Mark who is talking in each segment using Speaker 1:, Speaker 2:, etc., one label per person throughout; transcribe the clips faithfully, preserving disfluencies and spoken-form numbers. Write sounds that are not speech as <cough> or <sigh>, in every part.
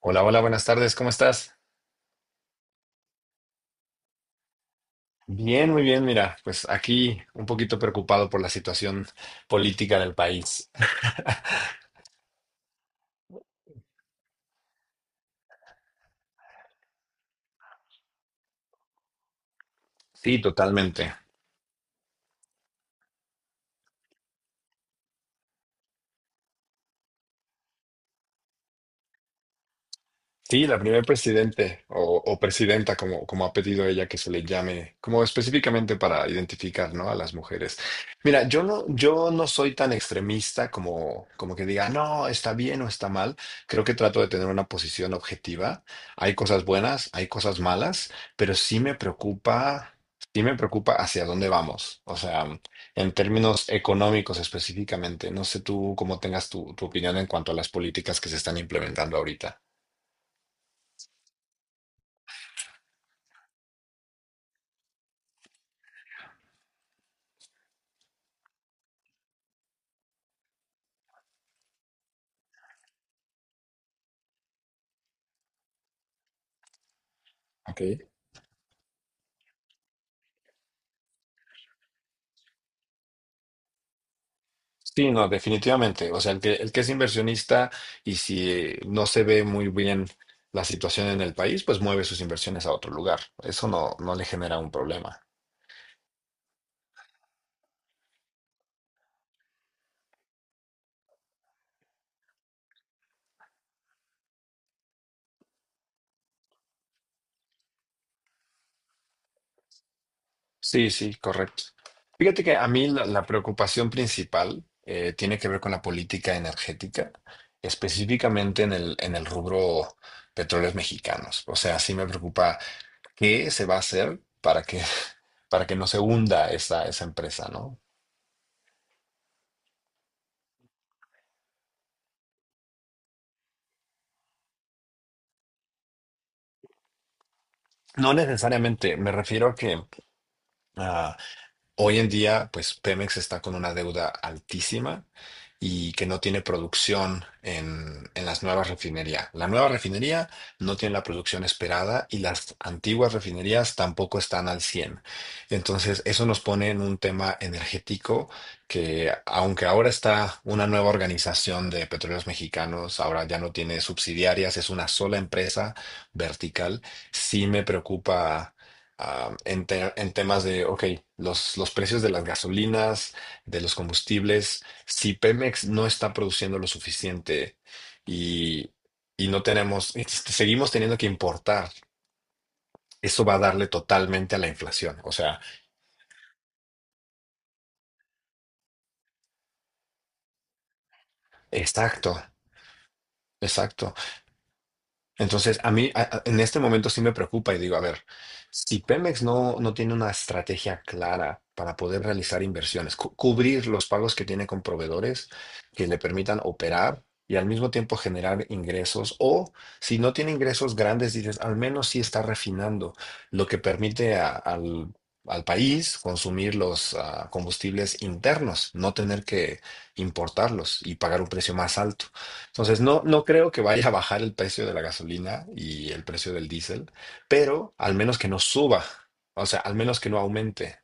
Speaker 1: Hola, hola, buenas tardes, ¿cómo estás? Bien, muy bien, mira, pues aquí un poquito preocupado por la situación política del país. Sí, totalmente. Sí, la primer presidente o, o presidenta, como, como ha pedido ella que se le llame, como específicamente para identificar, ¿no?, a las mujeres. Mira, yo no, yo no soy tan extremista como, como que diga, no, está bien o está mal. Creo que trato de tener una posición objetiva. Hay cosas buenas, hay cosas malas, pero sí me preocupa, sí me preocupa hacia dónde vamos. O sea, en términos económicos específicamente. No sé tú cómo tengas tu, tu opinión en cuanto a las políticas que se están implementando ahorita. Ok. Sí, no, definitivamente. O sea, el que, el que es inversionista y si eh, no se ve muy bien la situación en el país, pues mueve sus inversiones a otro lugar. Eso no, no le genera un problema. Sí, sí, correcto. Fíjate que a mí la, la preocupación principal eh, tiene que ver con la política energética, específicamente en el, en el rubro petróleos mexicanos. O sea, sí me preocupa qué se va a hacer para que, <laughs> para que no se hunda esa, esa empresa, ¿no? No necesariamente, me refiero a que, ah, hoy en día, pues Pemex está con una deuda altísima y que no tiene producción en, en las nuevas refinerías. La nueva refinería no tiene la producción esperada y las antiguas refinerías tampoco están al cien. Entonces, eso nos pone en un tema energético que, aunque ahora está una nueva organización de petróleos mexicanos, ahora ya no tiene subsidiarias, es una sola empresa vertical, sí me preocupa ah, en, te- en temas de, ok, los, los precios de las gasolinas, de los combustibles, si Pemex no está produciendo lo suficiente y, y no tenemos, este, seguimos teniendo que importar, eso va a darle totalmente a la inflación. O sea, exacto, exacto. Entonces, a mí a- a- en este momento sí me preocupa y digo, a ver, si Pemex no, no tiene una estrategia clara para poder realizar inversiones, cu- cubrir los pagos que tiene con proveedores que le permitan operar y al mismo tiempo generar ingresos, o si no tiene ingresos grandes, dices, al menos sí está refinando, lo que permite a- al, al país consumir los ah, combustibles internos, no tener que importarlos y pagar un precio más alto. Entonces, no, no creo que vaya a bajar el precio de la gasolina y el precio del diésel, pero al menos que no suba, o sea, al menos que no aumente.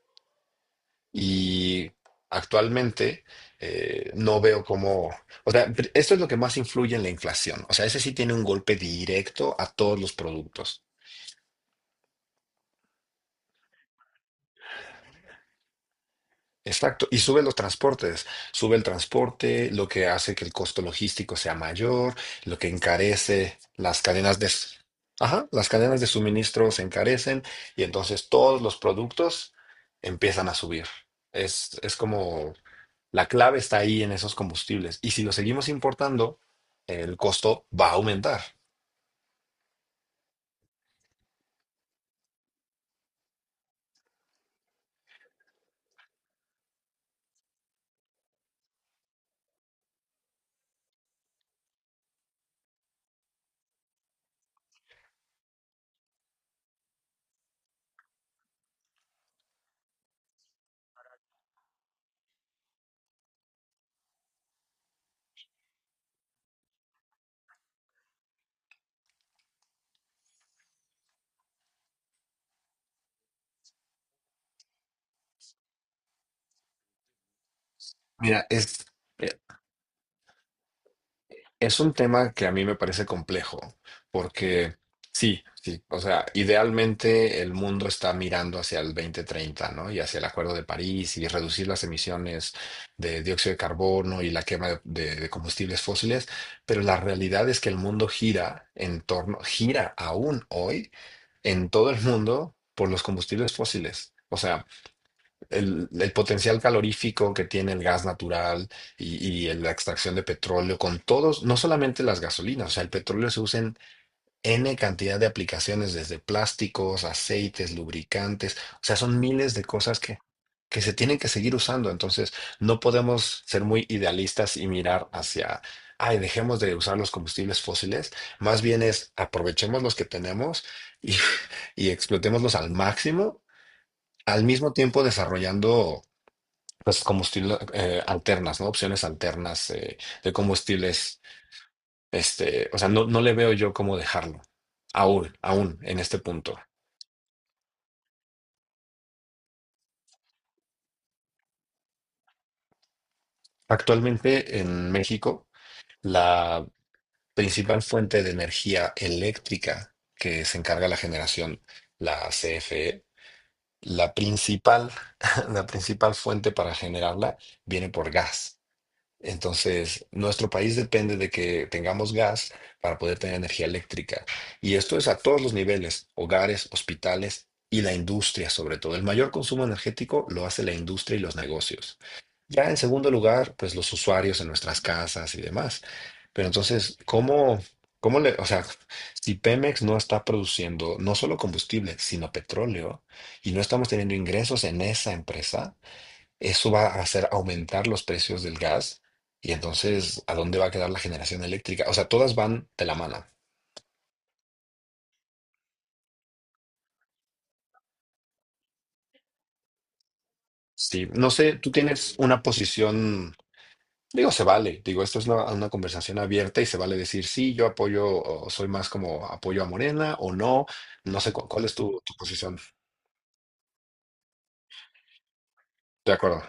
Speaker 1: Y actualmente eh, no veo cómo, o sea, pr- esto es lo que más influye en la inflación. O sea, ese sí tiene un golpe directo a todos los productos. Exacto, y sube los transportes, sube el transporte, lo que hace que el costo logístico sea mayor, lo que encarece las cadenas de, s- ajá, las cadenas de suministro se encarecen y entonces todos los productos empiezan a subir. Es, es como la clave está ahí en esos combustibles y si lo seguimos importando, el costo va a aumentar. Mira, es, eh, es un tema que a mí me parece complejo, porque sí, sí, o sea, idealmente el mundo está mirando hacia el dos mil treinta, ¿no? Y hacia el Acuerdo de París y reducir las emisiones de dióxido de carbono y la quema de, de- de combustibles fósiles, pero la realidad es que el mundo gira en torno, gira aún hoy en todo el mundo por los combustibles fósiles. O sea, el, el potencial calorífico que tiene el gas natural y, y la extracción de petróleo con todos, no solamente las gasolinas, o sea, el petróleo se usa en N cantidad de aplicaciones, desde plásticos, aceites, lubricantes, o sea, son miles de cosas que, que se tienen que seguir usando, entonces no podemos ser muy idealistas y mirar hacia... Ay, dejemos de usar los combustibles fósiles, más bien es aprovechemos los que tenemos y, <laughs> y explotémoslos al máximo, al mismo tiempo desarrollando pues combustibles eh, alternas, ¿no? Opciones alternas eh, de combustibles. Este, o sea, no, no le veo yo cómo dejarlo, aún, aún en este punto. Actualmente en México, la principal fuente de energía eléctrica que se encarga la generación, la C F E, la principal, <laughs> la principal fuente para generarla viene por gas. Entonces, nuestro país depende de que tengamos gas para poder tener energía eléctrica. Y esto es a todos los niveles, hogares, hospitales y la industria sobre todo. El mayor consumo energético lo hace la industria y los negocios. Ya en segundo lugar, pues los usuarios en nuestras casas y demás. Pero entonces, ¿cómo, cómo le, o sea, si Pemex no está produciendo no solo combustible, sino petróleo, y no estamos teniendo ingresos en esa empresa? Eso va a hacer aumentar los precios del gas y entonces, ¿a dónde va a quedar la generación eléctrica? O sea, todas van de la mano. Sí, no sé, tú tienes una posición, digo, se vale, digo, esto es una, una conversación abierta y se vale decir, sí, yo apoyo, o soy más como apoyo a Morena o no, no sé cu- cuál es tu, tu posición. De acuerdo.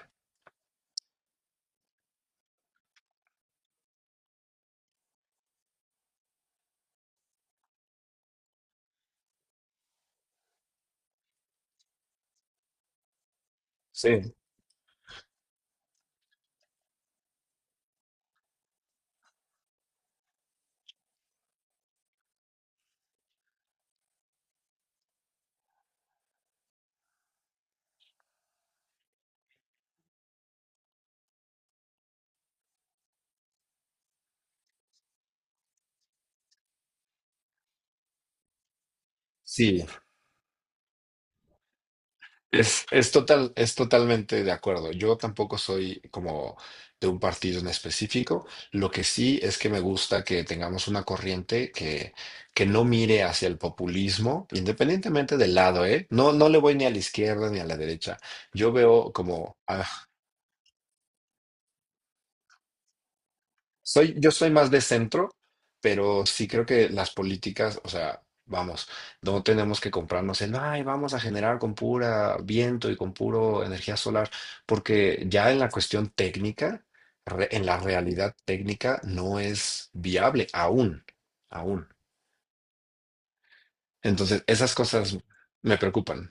Speaker 1: Sí, sí. Es, es total, es totalmente de acuerdo. Yo tampoco soy como de un partido en específico. Lo que sí es que me gusta que tengamos una corriente que, que no mire hacia el populismo, independientemente del lado, ¿eh? No, no le voy ni a la izquierda ni a la derecha. Yo veo como, ah, soy, yo soy más de centro, pero sí creo que las políticas, o sea, vamos, no tenemos que comprarnos el, ay, vamos a generar con pura viento y con puro energía solar, porque ya en la cuestión técnica, re- en la realidad técnica, no es viable aún, aún. Entonces, esas cosas me preocupan.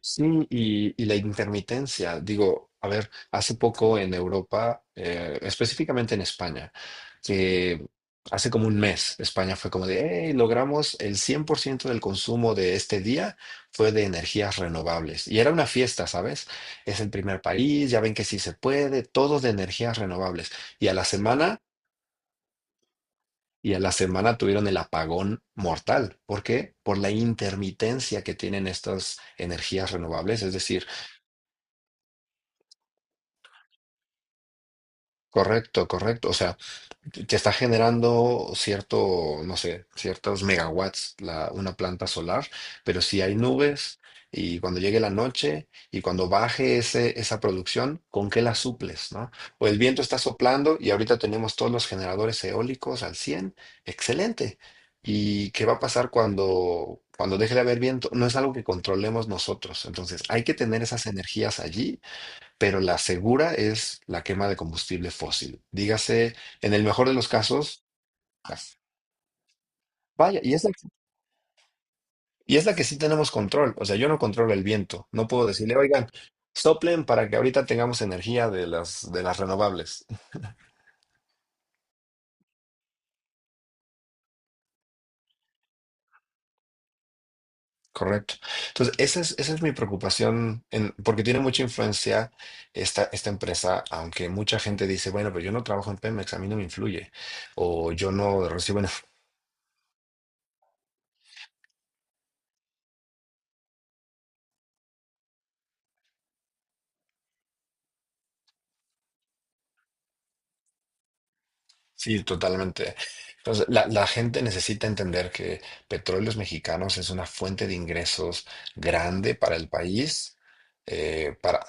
Speaker 1: Sí, y, y la intermitencia. Digo, a ver, hace poco en Europa, eh, específicamente en España, que hace como un mes, España fue como de, hey, logramos el cien por ciento del consumo de este día fue de energías renovables. Y era una fiesta, ¿sabes? Es el primer país, ya ven que sí se puede, todo de energías renovables. Y a la semana... Y a la semana tuvieron el apagón mortal. ¿Por qué? Por la intermitencia que tienen estas energías renovables. Es decir, correcto, correcto. O sea, te está generando cierto, no sé, ciertos megawatts la, una planta solar, pero si hay nubes y cuando llegue la noche y cuando baje ese, esa producción, ¿con qué la suples, no? O el viento está soplando y ahorita tenemos todos los generadores eólicos al cien, excelente. ¿Y qué va a pasar cuando, cuando deje de haber viento? No es algo que controlemos nosotros. Entonces, hay que tener esas energías allí, pero la segura es la quema de combustible fósil. Dígase, en el mejor de los casos, gas. Vaya, y es la, y es la que sí tenemos control. O sea, yo no controlo el viento. No puedo decirle, oigan, soplen para que ahorita tengamos energía de las, de las renovables. Correcto. Entonces, esa es, esa es mi preocupación, en- porque tiene mucha influencia esta, esta empresa, aunque mucha gente dice, bueno, pero yo no trabajo en Pemex, a mí no me influye, o yo no recibo. Sí, totalmente. Entonces, la, la gente necesita entender que Petróleos Mexicanos es una fuente de ingresos grande para el país. eh, para,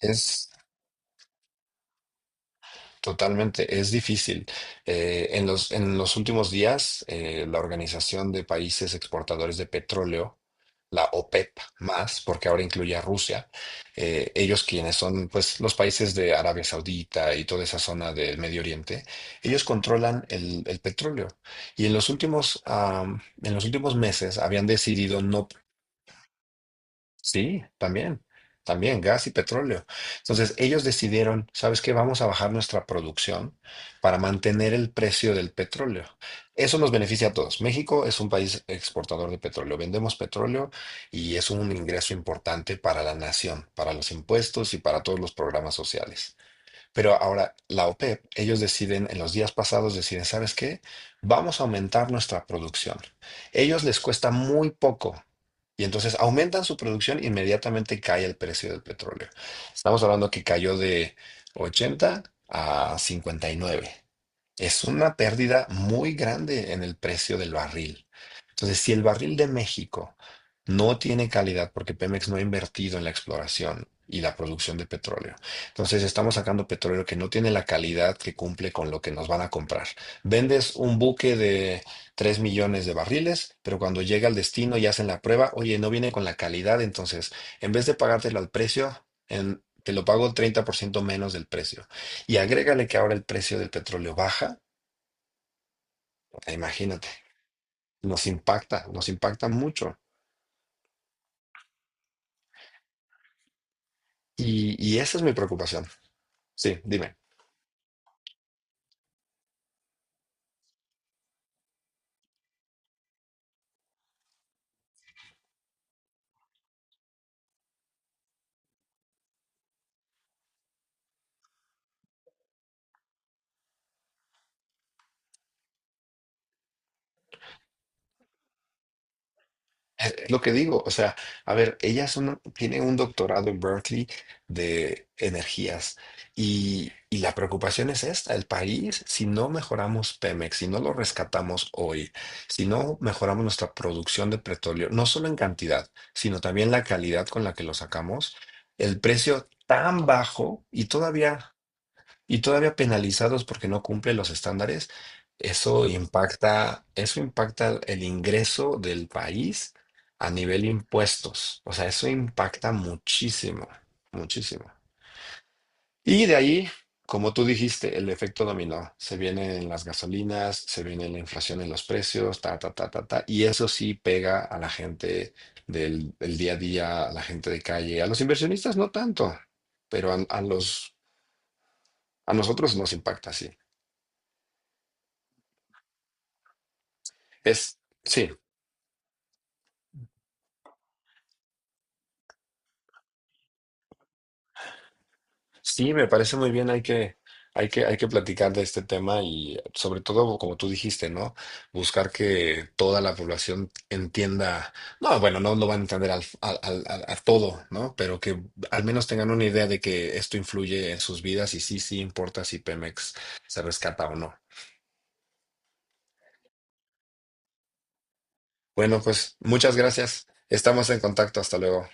Speaker 1: es. Totalmente, es difícil. Eh, en los, en los últimos días, eh, la Organización de Países Exportadores de Petróleo, la O P E P más, porque ahora incluye a Rusia, eh, ellos quienes son pues, los países de Arabia Saudita y toda esa zona del Medio Oriente, ellos controlan el, el petróleo. Y en los últimos, am, en los últimos meses habían decidido no. Sí, también, también gas y petróleo. Entonces ellos decidieron, ¿sabes qué? Vamos a bajar nuestra producción para mantener el precio del petróleo. Eso nos beneficia a todos. México es un país exportador de petróleo. Vendemos petróleo y es un ingreso importante para la nación, para los impuestos y para todos los programas sociales. Pero ahora, la O P E P, ellos deciden, en los días pasados deciden, ¿sabes qué? Vamos a aumentar nuestra producción. Ellos les cuesta muy poco. Y entonces aumentan su producción, inmediatamente cae el precio del petróleo. Estamos hablando que cayó de ochenta a cincuenta y nueve. Es una pérdida muy grande en el precio del barril. Entonces, si el barril de México no tiene calidad porque Pemex no ha invertido en la exploración y la producción de petróleo, entonces estamos sacando petróleo que no tiene la calidad que cumple con lo que nos van a comprar. Vendes un buque de tres millones de barriles, pero cuando llega al destino y hacen la prueba, oye, no viene con la calidad, entonces en vez de pagártelo al precio, en- te lo pago treinta por ciento menos del precio. Y agrégale que ahora el precio del petróleo baja. E imagínate, nos impacta, nos impacta mucho. Y, y esa es mi preocupación. Sí, dime. Es es lo que digo, o sea, a ver, ella es una- tiene un doctorado en Berkeley de energías y, y la preocupación es esta, el país, si no mejoramos Pemex, si no lo rescatamos hoy, si no mejoramos nuestra producción de petróleo, no solo en cantidad, sino también la calidad con la que lo sacamos, el precio tan bajo y todavía y todavía penalizados porque no cumple los estándares, eso impacta, eso impacta el ingreso del país a nivel impuestos. O sea, eso impacta muchísimo, muchísimo. Y de ahí, como tú dijiste, el efecto dominó. Se vienen las gasolinas, se viene la inflación en los precios, ta, ta, ta, ta, ta. Y eso sí pega a la gente del, del día a día, a la gente de calle, a los inversionistas no tanto, pero a, a los, a nosotros nos impacta, sí. Es, sí, sí, me parece muy bien. Hay que, hay que, hay que platicar de este tema y sobre todo, como tú dijiste, ¿no? Buscar que toda la población entienda. No, bueno, no, lo van a entender al, al- al- al- a todo, ¿no? Pero que al menos tengan una idea de que esto influye en sus vidas y sí, sí importa si Pemex se rescata o no. Bueno, pues muchas gracias. Estamos en contacto. Hasta luego.